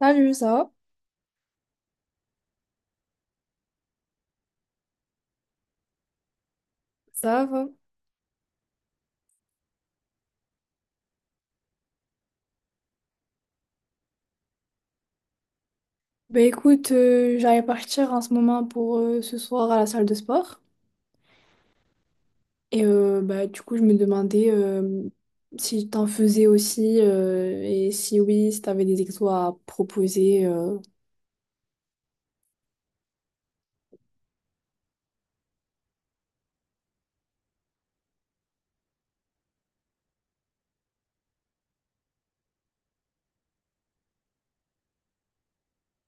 Salut, ça va? Ça va. Bah écoute, j'allais partir en ce moment pour ce soir à la salle de sport. Et bah, du coup, je me demandais si t'en faisais aussi et si oui, si t'avais des exos à proposer.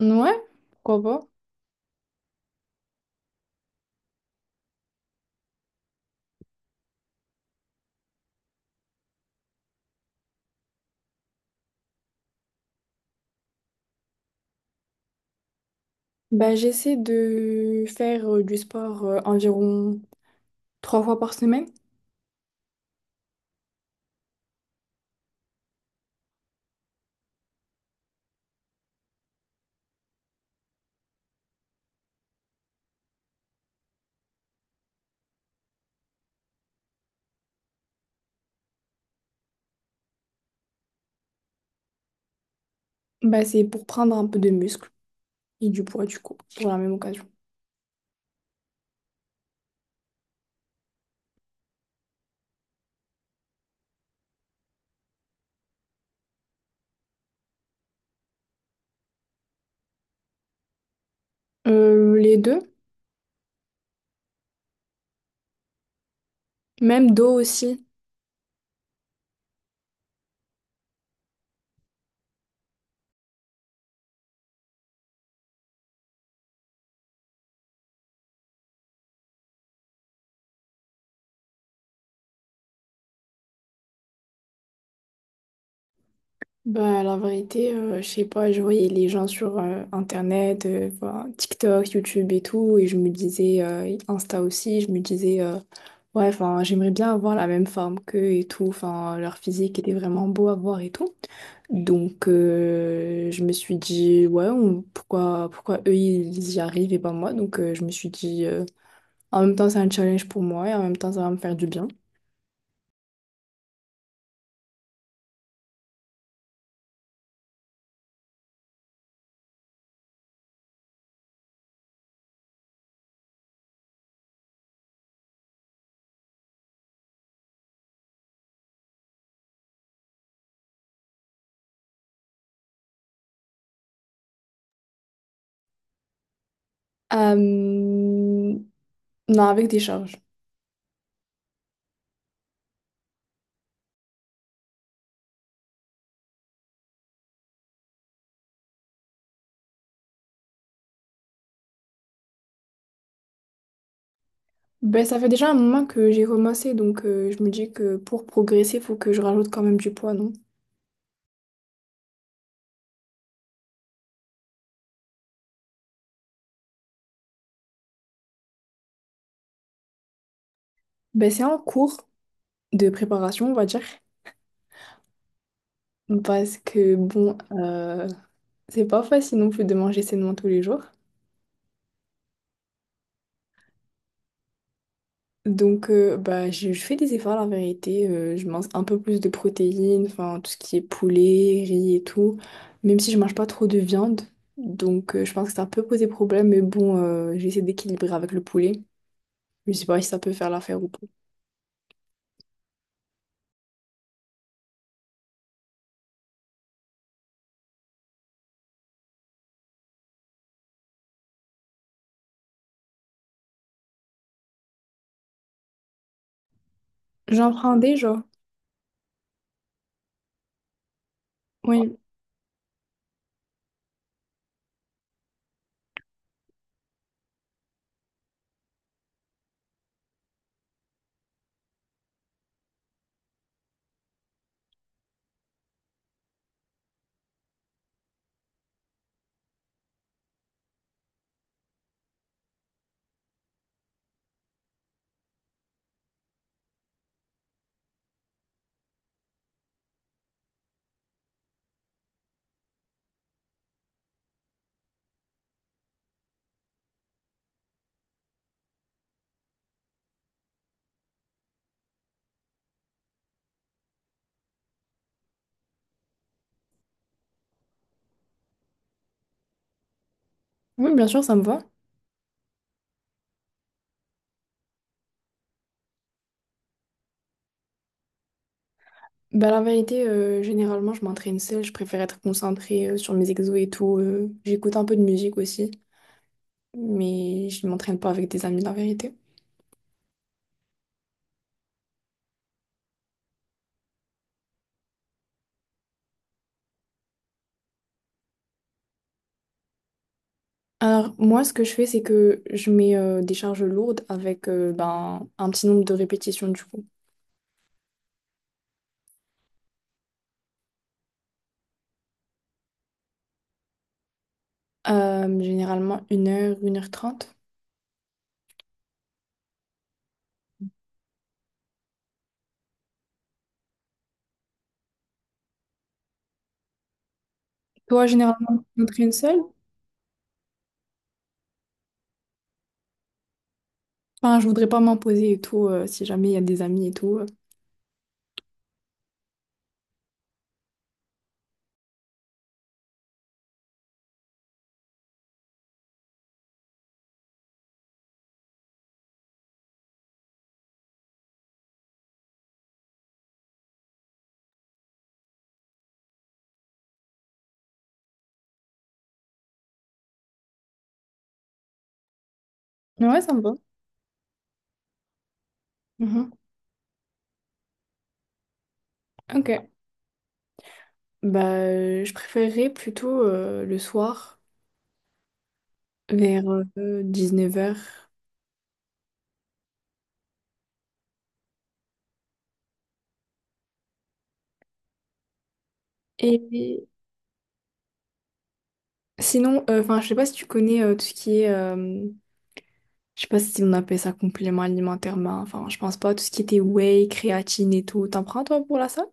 Ouais, pourquoi pas? Bah, j'essaie de faire du sport environ 3 fois par semaine. Bah, c'est pour prendre un peu de muscle et du poids, du coup, pour la même occasion. Les deux, même dos aussi. Bah, la vérité, je sais pas, je voyais les gens sur Internet, voilà, TikTok, YouTube et tout, et je me disais, Insta aussi, je me disais, ouais, enfin, j'aimerais bien avoir la même forme qu'eux et tout, enfin, leur physique était vraiment beau à voir et tout. Donc, je me suis dit, ouais, pourquoi eux, ils y arrivent et pas moi? Donc, je me suis dit, en même temps, c'est un challenge pour moi et en même temps, ça va me faire du bien. Euh, non, avec des charges. Ben, ça fait déjà un moment que j'ai commencé, donc je me dis que pour progresser, il faut que je rajoute quand même du poids, non? Ben, c'est en cours de préparation, on va dire, parce que bon, c'est pas facile non plus de manger sainement tous les jours. Donc, bah, je fais des efforts, la vérité. Je mange un peu plus de protéines, enfin, tout ce qui est poulet, riz et tout, même si je mange pas trop de viande. Donc, je pense que ça peut poser problème, mais bon, j'essaie d'équilibrer avec le poulet. Je sais pas si ça peut faire l'affaire ou pas. J'en prends déjà. Oui, oui, bien sûr, ça me va. Bah, la vérité, généralement, je m'entraîne seule. Je préfère être concentrée sur mes exos et tout. J'écoute un peu de musique aussi, mais je ne m'entraîne pas avec des amis, la vérité. Alors, moi, ce que je fais, c'est que je mets des charges lourdes avec ben, un petit nombre de répétitions, du coup. Généralement, 1h, 1h30. Toi, généralement, tu t'entraînes seule? Enfin, je voudrais pas m'imposer et tout, si jamais il y a des amis et tout. Ouais, ça me va. Mhm. Ok. Bah, je préférerais plutôt le soir, vers 19h. Et sinon, enfin, je sais pas si tu connais tout ce qui est je sais pas si on appelle ça complément alimentaire, mais enfin, je pense pas. Tout ce qui était whey, créatine et tout. T'en prends, toi, pour la salle?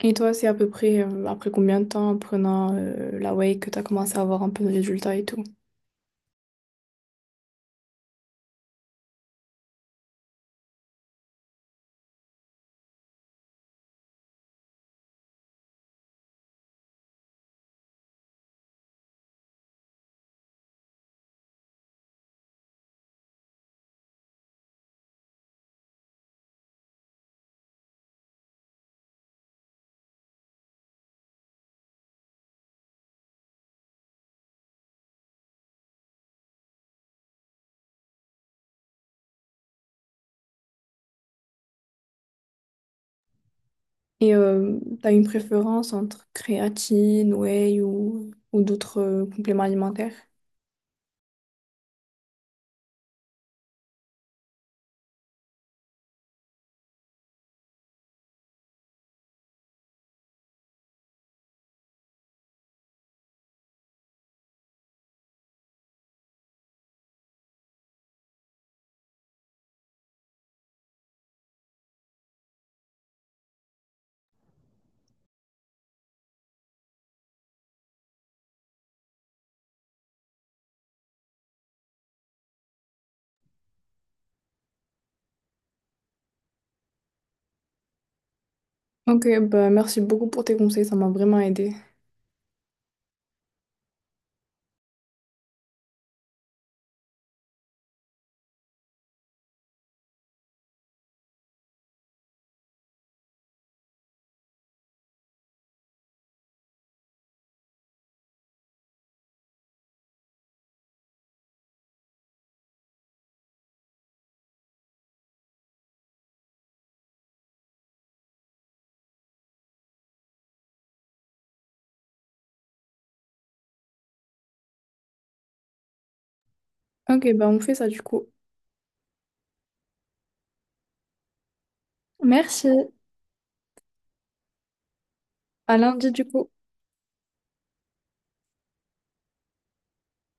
Et toi, c'est à peu près après combien de temps en prenant la whey que t'as commencé à avoir un peu de résultats et tout? Et t'as une préférence entre créatine, whey ou d'autres compléments alimentaires? Ok, bah merci beaucoup pour tes conseils, ça m'a vraiment aidé. Ok, bah on fait ça du coup. Merci. À lundi du coup.